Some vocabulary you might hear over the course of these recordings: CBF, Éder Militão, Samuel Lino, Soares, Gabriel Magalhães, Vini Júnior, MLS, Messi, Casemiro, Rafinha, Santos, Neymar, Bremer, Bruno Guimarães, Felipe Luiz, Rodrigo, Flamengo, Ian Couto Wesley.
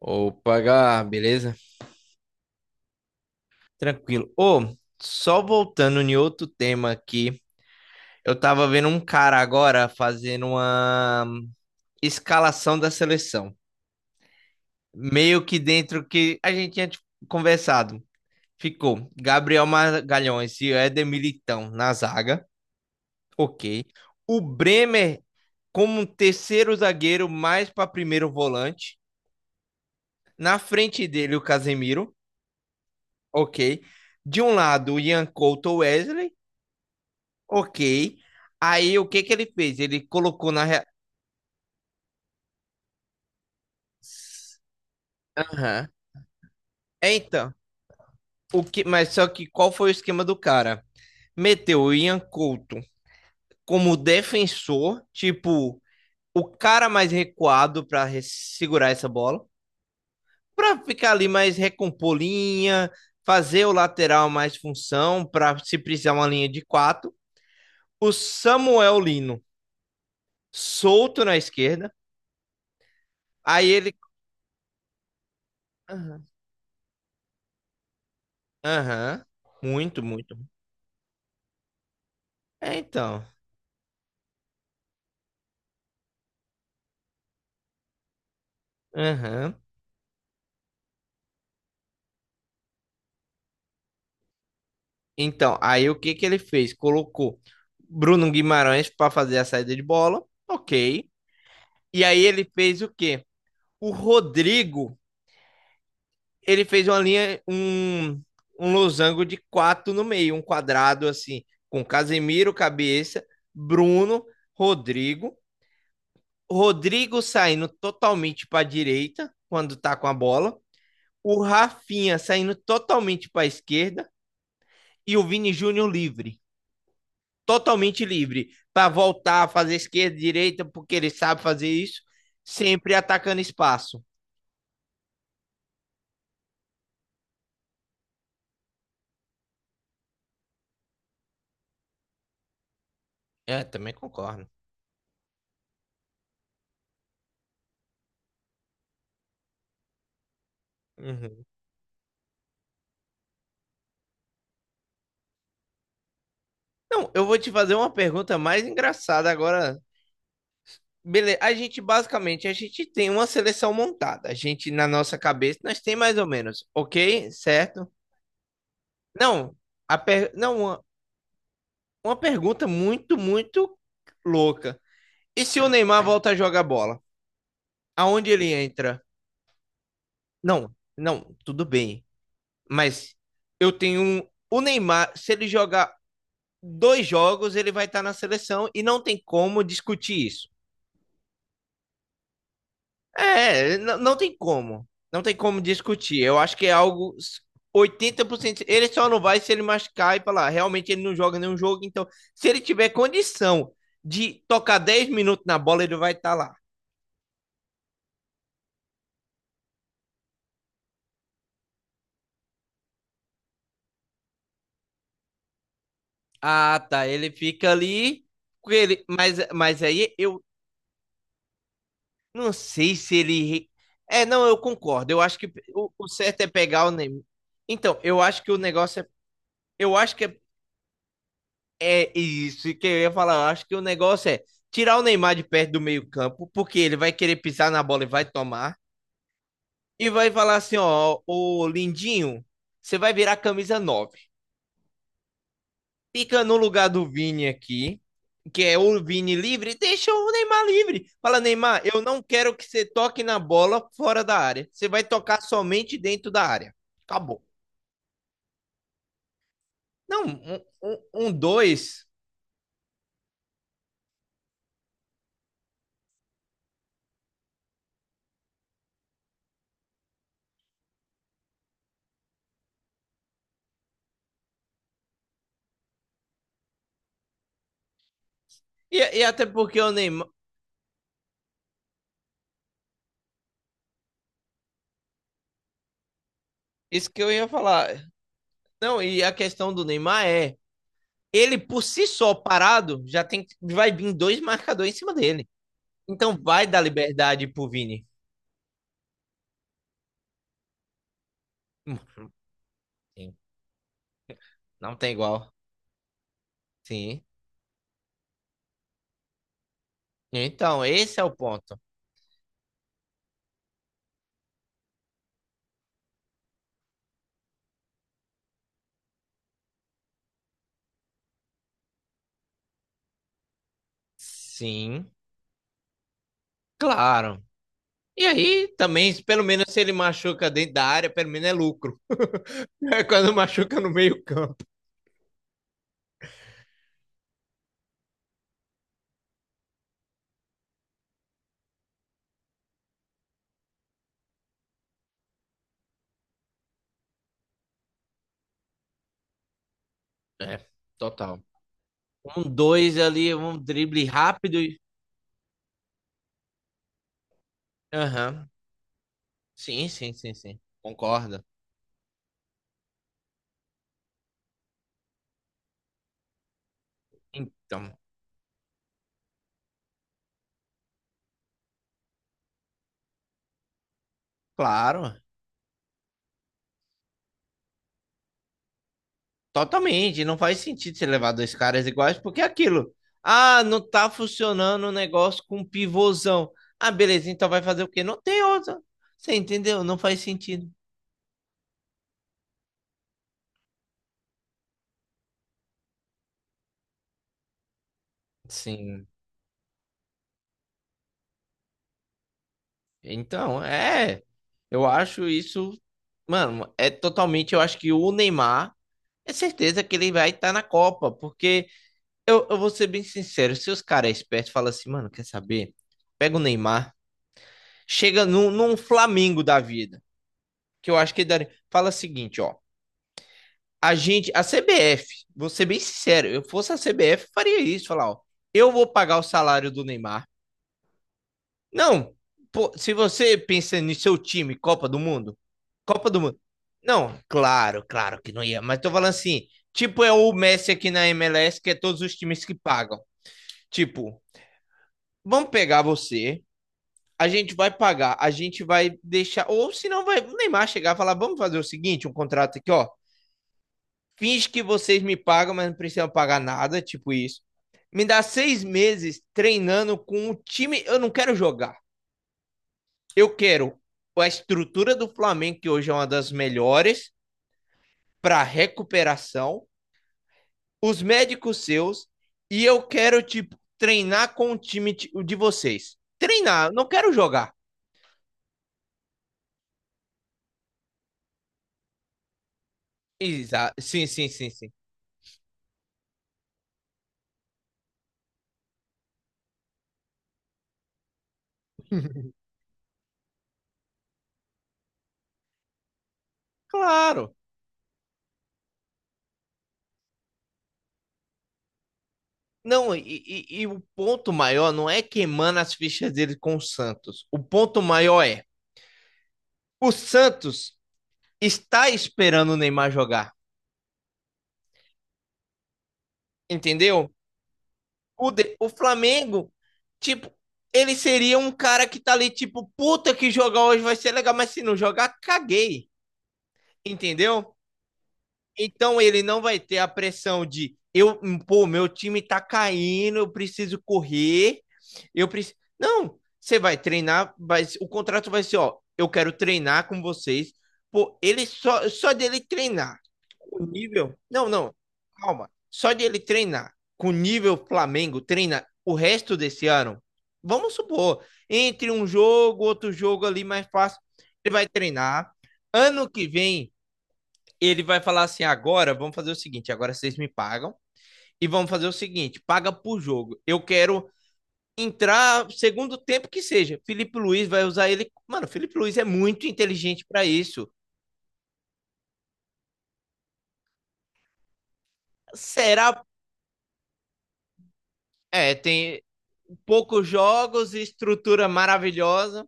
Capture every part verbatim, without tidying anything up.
Opa, Gá, beleza? Tranquilo. Ô, só voltando em outro tema aqui, eu tava vendo um cara agora fazendo uma escalação da seleção. Meio que dentro que a gente tinha, tipo, conversado. Ficou Gabriel Magalhães e Éder Militão na zaga. Ok. O Bremer como um terceiro zagueiro, mais para primeiro volante. Na frente dele, o Casemiro. Ok. De um lado, o Ian Couto Wesley. Ok. Aí o que que ele fez? Ele colocou na. rea- Aham. É, então, o que... mas só que qual foi o esquema do cara? Meteu o Ian Couto como defensor, tipo, o cara mais recuado para segurar essa bola, para ficar ali mais recompor linha, fazer o lateral mais função, para se precisar uma linha de quatro. O Samuel Lino solto na esquerda. Aí ele. Aham. Aham. Muito, muito. É, então. Aham. Então, aí o que que ele fez? Colocou Bruno Guimarães para fazer a saída de bola. Ok. E aí ele fez o quê? O Rodrigo, ele fez uma linha, um, um losango de quatro no meio, um quadrado assim, com Casemiro, cabeça, Bruno, Rodrigo. Rodrigo saindo totalmente para a direita quando tá com a bola. O Rafinha saindo totalmente para a esquerda e o Vini Júnior livre. Totalmente livre para voltar a fazer esquerda, direita, porque ele sabe fazer isso, sempre atacando espaço. É, também concordo. Uhum. Não, eu vou te fazer uma pergunta mais engraçada agora. Beleza, a gente basicamente a gente tem uma seleção montada. A gente na nossa cabeça nós tem mais ou menos, ok? Certo? Não, a per... não uma, uma pergunta muito muito louca. E se o Neymar volta a jogar bola? Aonde ele entra? Não, não, tudo bem. Mas eu tenho um, o Neymar, se ele jogar dois jogos, ele vai estar na seleção e não tem como discutir isso. É, n- não tem como. Não tem como discutir. Eu acho que é algo oitenta por cento. Ele só não vai se ele machucar e falar, realmente ele não joga nenhum jogo. Então, se ele tiver condição de tocar dez minutos na bola, ele vai estar lá. Ah, tá. Ele fica ali. Com ele, mas, mas aí eu Não sei se ele. re- É, não, eu concordo. Eu acho que o, o certo é pegar o Neymar. Então, eu acho que o negócio é. Eu acho que é, é isso que eu ia falar. Eu acho que o negócio é tirar o Neymar de perto do meio-campo, porque ele vai querer pisar na bola e vai tomar. E vai falar assim: ó, ô Lindinho, você vai virar camisa nove. Fica no lugar do Vini aqui, que é o Vini livre, deixa o Neymar livre. Fala, Neymar, eu não quero que você toque na bola fora da área. Você vai tocar somente dentro da área. Acabou. Não, um, um, um dois. E, e até porque o Neymar. Isso que eu ia falar. Não, e a questão do Neymar é. Ele por si só parado já tem vai vir dois marcadores em cima dele. Então vai dar liberdade pro Vini. Sim, não tem igual. Sim. Então, esse é o ponto. Sim, claro. E aí, também, pelo menos se ele machuca dentro da área, pelo menos é lucro. É quando machuca no meio-campo. É, total. Um dois ali, um drible rápido. e- Aham. Sim, sim, sim, sim. Concordo. Então, claro. Totalmente. Não faz sentido você levar dois caras iguais, porque é aquilo. Ah, não tá funcionando o negócio com pivôzão. Ah, beleza, então vai fazer o quê? Não tem outra. Você entendeu? Não faz sentido. Sim. Então, é. Eu acho isso. Mano, é totalmente. Eu acho que o Neymar é certeza que ele vai estar na Copa. Porque eu, eu vou ser bem sincero: se os caras espertos falam assim, mano, quer saber? Pega o Neymar, chega num, num Flamengo da vida. Que eu acho que ele daria. Fala o seguinte, ó. A gente, a C B F, vou ser bem sincero, eu fosse a C B F, faria isso, falar, ó, eu vou pagar o salário do Neymar. Não, pô, se você pensa no seu time, Copa do Mundo, Copa do Mundo. Não, claro, claro que não ia, mas tô falando assim, tipo é o Messi aqui na M L S, que é todos os times que pagam. Tipo, vamos pegar você, a gente vai pagar, a gente vai deixar, ou se não vai o Neymar chegar e falar, vamos fazer o seguinte, um contrato aqui, ó, finge que vocês me pagam, mas não precisam pagar nada, tipo isso. Me dá seis meses treinando com o time, eu não quero jogar. Eu quero a estrutura do Flamengo, que hoje é uma das melhores, para recuperação, os médicos seus, e eu quero, tipo, treinar com o time de vocês. Treinar, não quero jogar. Exa sim, sim, sim, sim. Claro. Não, e, e- e o ponto maior não é queimando as fichas dele com o Santos. O ponto maior é: o Santos está esperando o Neymar jogar, entendeu? O, de- o Flamengo, tipo, ele seria um cara que tá ali, tipo, puta que jogar hoje vai ser legal, mas se não jogar, caguei. Entendeu? Então ele não vai ter a pressão de eu, pô, meu time tá caindo, eu preciso correr, eu preciso. Não, você vai treinar, vai, o contrato vai ser, ó, eu quero treinar com vocês. Pô, ele só, só dele treinar o nível. Não, não. Calma. Só de ele treinar com o nível Flamengo, treina o resto desse ano. Vamos supor, entre um jogo, outro jogo ali mais fácil, ele vai treinar. Ano que vem, ele vai falar assim: agora vamos fazer o seguinte, agora vocês me pagam e vamos fazer o seguinte: paga por jogo. Eu quero entrar segundo tempo que seja. Felipe Luiz vai usar ele. Mano, Felipe Luiz é muito inteligente para isso. Será? É, tem, poucos jogos e estrutura maravilhosa.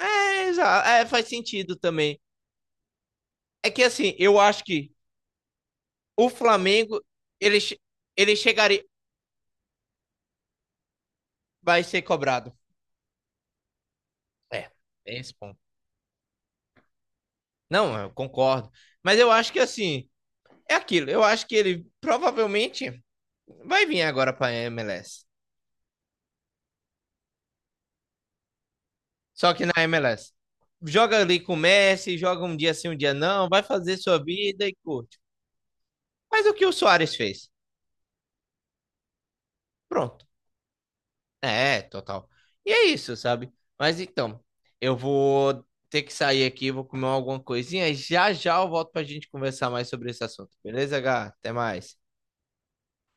É, exa- é, faz sentido também. É que assim, eu acho que o Flamengo, ele, che- ele chegaria, vai ser cobrado. É, tem esse ponto. Não, eu concordo. Mas eu acho que assim, é aquilo. Eu acho que ele provavelmente vai vir agora para a M L S. Só que na M L S, joga ali com o Messi, joga um dia sim, um dia não, vai fazer sua vida e curte. Mas o que o Soares fez? Pronto. É, total. E é isso, sabe? Mas então, eu vou ter que sair aqui, vou comer alguma coisinha e já já eu volto pra gente conversar mais sobre esse assunto. Beleza, Gá? Até mais.